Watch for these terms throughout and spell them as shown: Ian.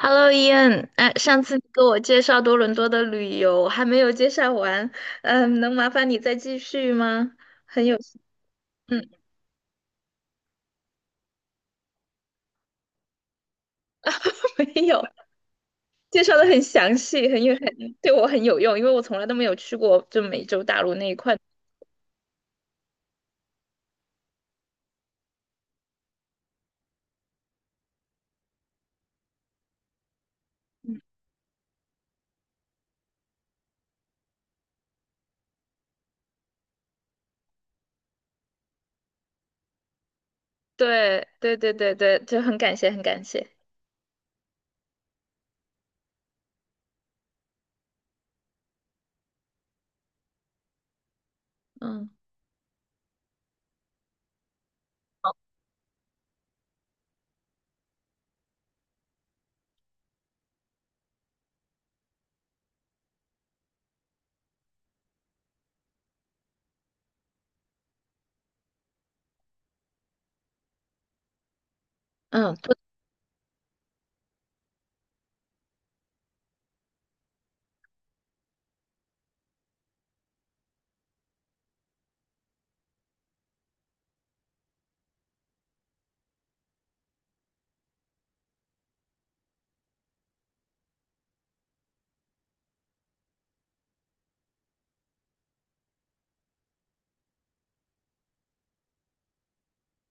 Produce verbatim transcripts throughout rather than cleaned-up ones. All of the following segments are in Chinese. Hello, Ian，哎，上次你给我介绍多伦多的旅游还没有介绍完，嗯，能麻烦你再继续吗？很有，嗯，没有，介绍的很详细，很有很对我很有用，因为我从来都没有去过就美洲大陆那一块。嗯，对对对对对，就很感谢，很感谢。嗯嗯，对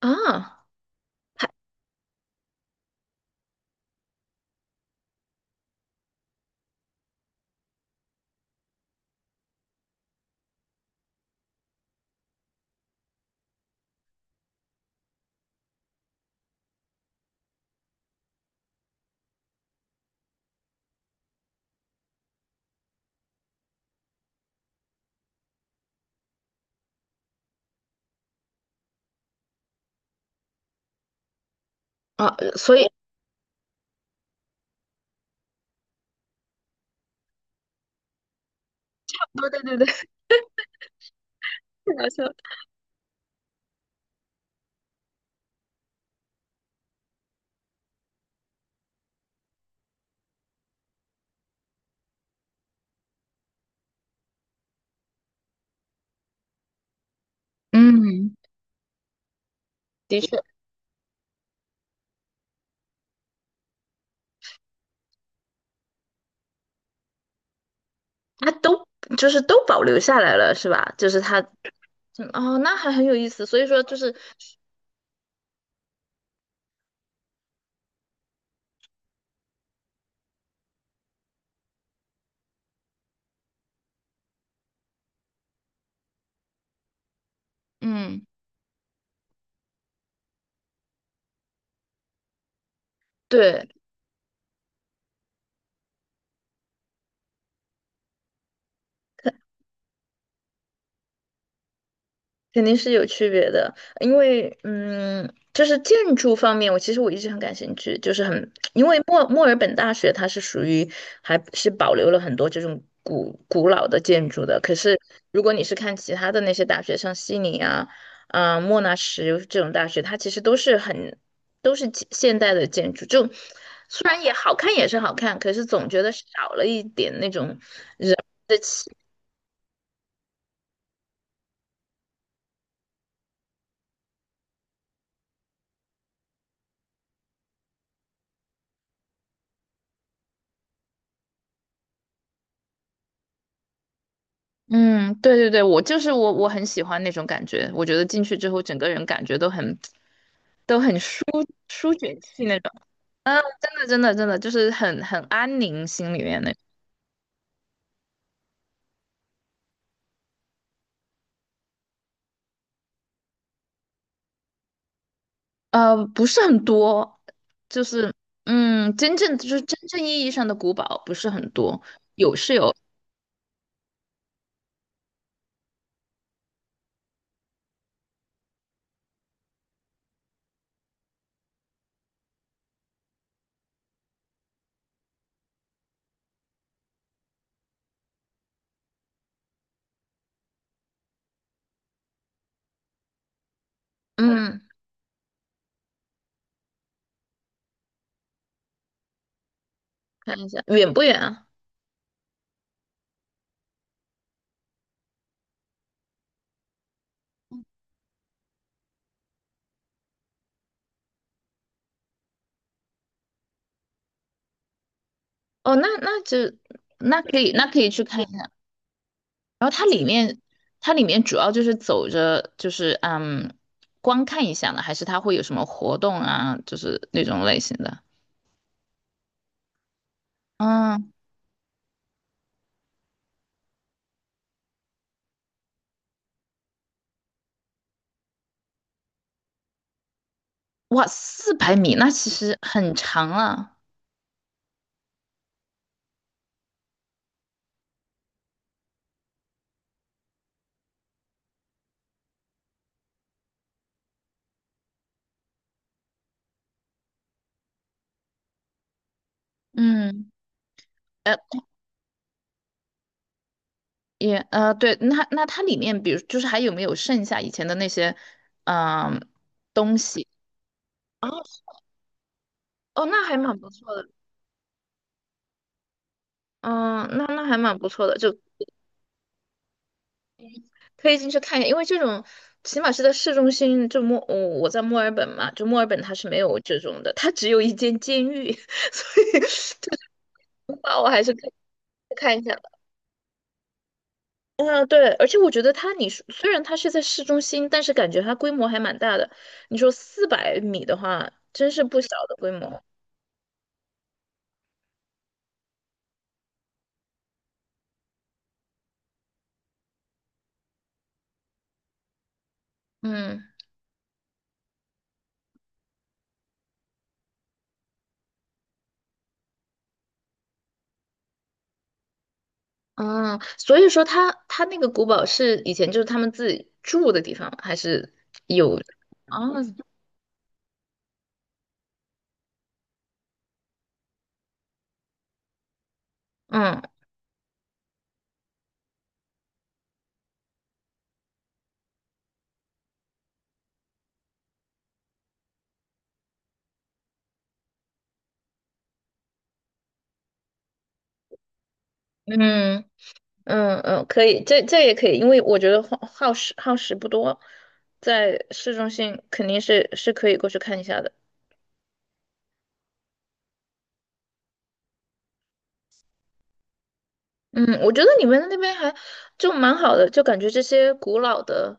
啊啊，呃所以对对对对，太搞笑了。嗯，的确，它都就是都保留下来了，是吧？就是他，嗯哦，那还很有意思。所以说，就是嗯对，肯定是有区别的，因为嗯，就是建筑方面，我其实我一直很感兴趣，就是很，因为墨墨尔本大学它是属于还是保留了很多这种古古老的建筑的，可是如果你是看其他的那些大学，像悉尼啊、啊、莫纳什这种大学，它其实都是很都是现现代的建筑，就虽然也好看也是好看，可是总觉得少了一点那种。人的。嗯，对对对，我就是我，我很喜欢那种感觉。我觉得进去之后，整个人感觉都很都很舒舒卷气那种，真的真的真的就是很很安宁，心里面那种呃不是很多，就是嗯，真正就是真正意义上的古堡不是很多，有是有，嗯，看一下远不远啊？哦，那那就那可以那可以去看。然后它里面，它里面主要就是走着，就是嗯，光看一下呢，还是它会有什么活动啊，就是那种类型的。嗯，哇，四百米，那其实很长了。嗯，呃也呃，对，那那它里面，比如就是还有没有剩下以前的那些，嗯，东西？哦哦，那还蛮不错的。嗯，那那还蛮不错的，就可以进去看一下，因为这种起码是在市中心，就墨，我我在墨尔本嘛，就墨尔本它是没有这种的，它只有一间监狱，所以这是的话，我还是可以去看一下的。嗯，对，而且我觉得它，你说虽然它是在市中心，但是感觉它规模还蛮大的。你说四百米的话，真是不小的规模。嗯嗯，所以说它它那个古堡是以前就是他们自己住的地方，还是有啊？嗯嗯。嗯嗯，可以，这这也可以，因为我觉得耗耗时耗时不多，在市中心肯定是是可以过去看一下的。嗯，我觉得你们那边还就蛮好的，就感觉这些古老的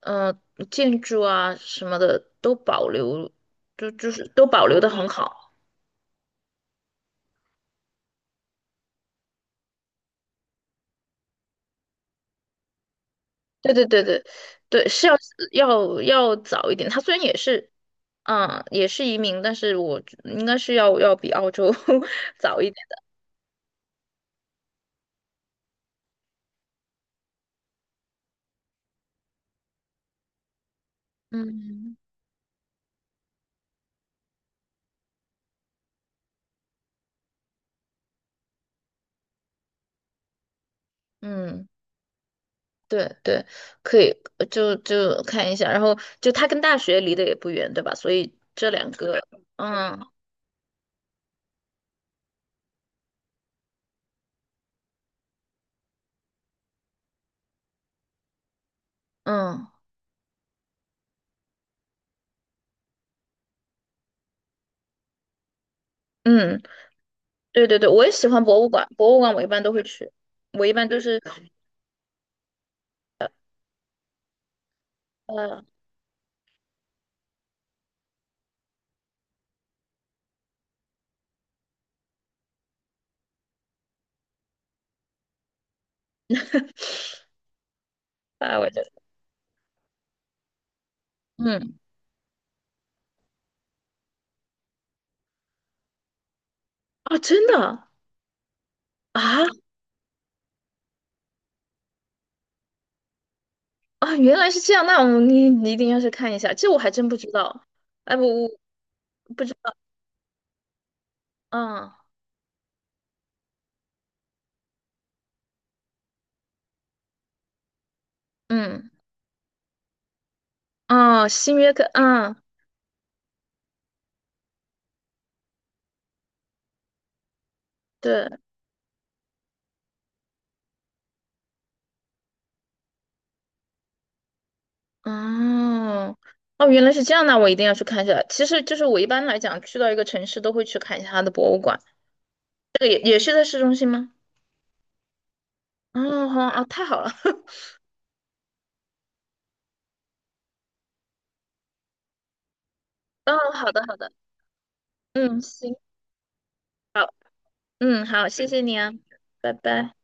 呃建筑啊什么的都保留，就就是都保留的很好。对对对对对，是要要要早一点。它虽然也是嗯也是移民，但是我应该是要要比澳洲 早一点。嗯嗯。对对，可以，呃就就看一下，然后就它跟大学离得也不远，对吧？所以这两个，嗯嗯嗯，对对对，我也喜欢博物馆，博物馆我一般都会去，我一般都是呃范我的，嗯啊，真的啊啊，原来是这样，那我你你一定要去看一下，这我还真不知道，哎，我我不知道，嗯嗯哦，新约克，嗯，对。哦，哦，原来是这样，那我一定要去看一下。其实就是我一般来讲，去到一个城市都会去看一下它的博物馆。这个也也是在市中心吗？哦，好啊，太好了。哦，好的，好的，嗯，行，好，嗯，好，谢谢你啊，拜拜。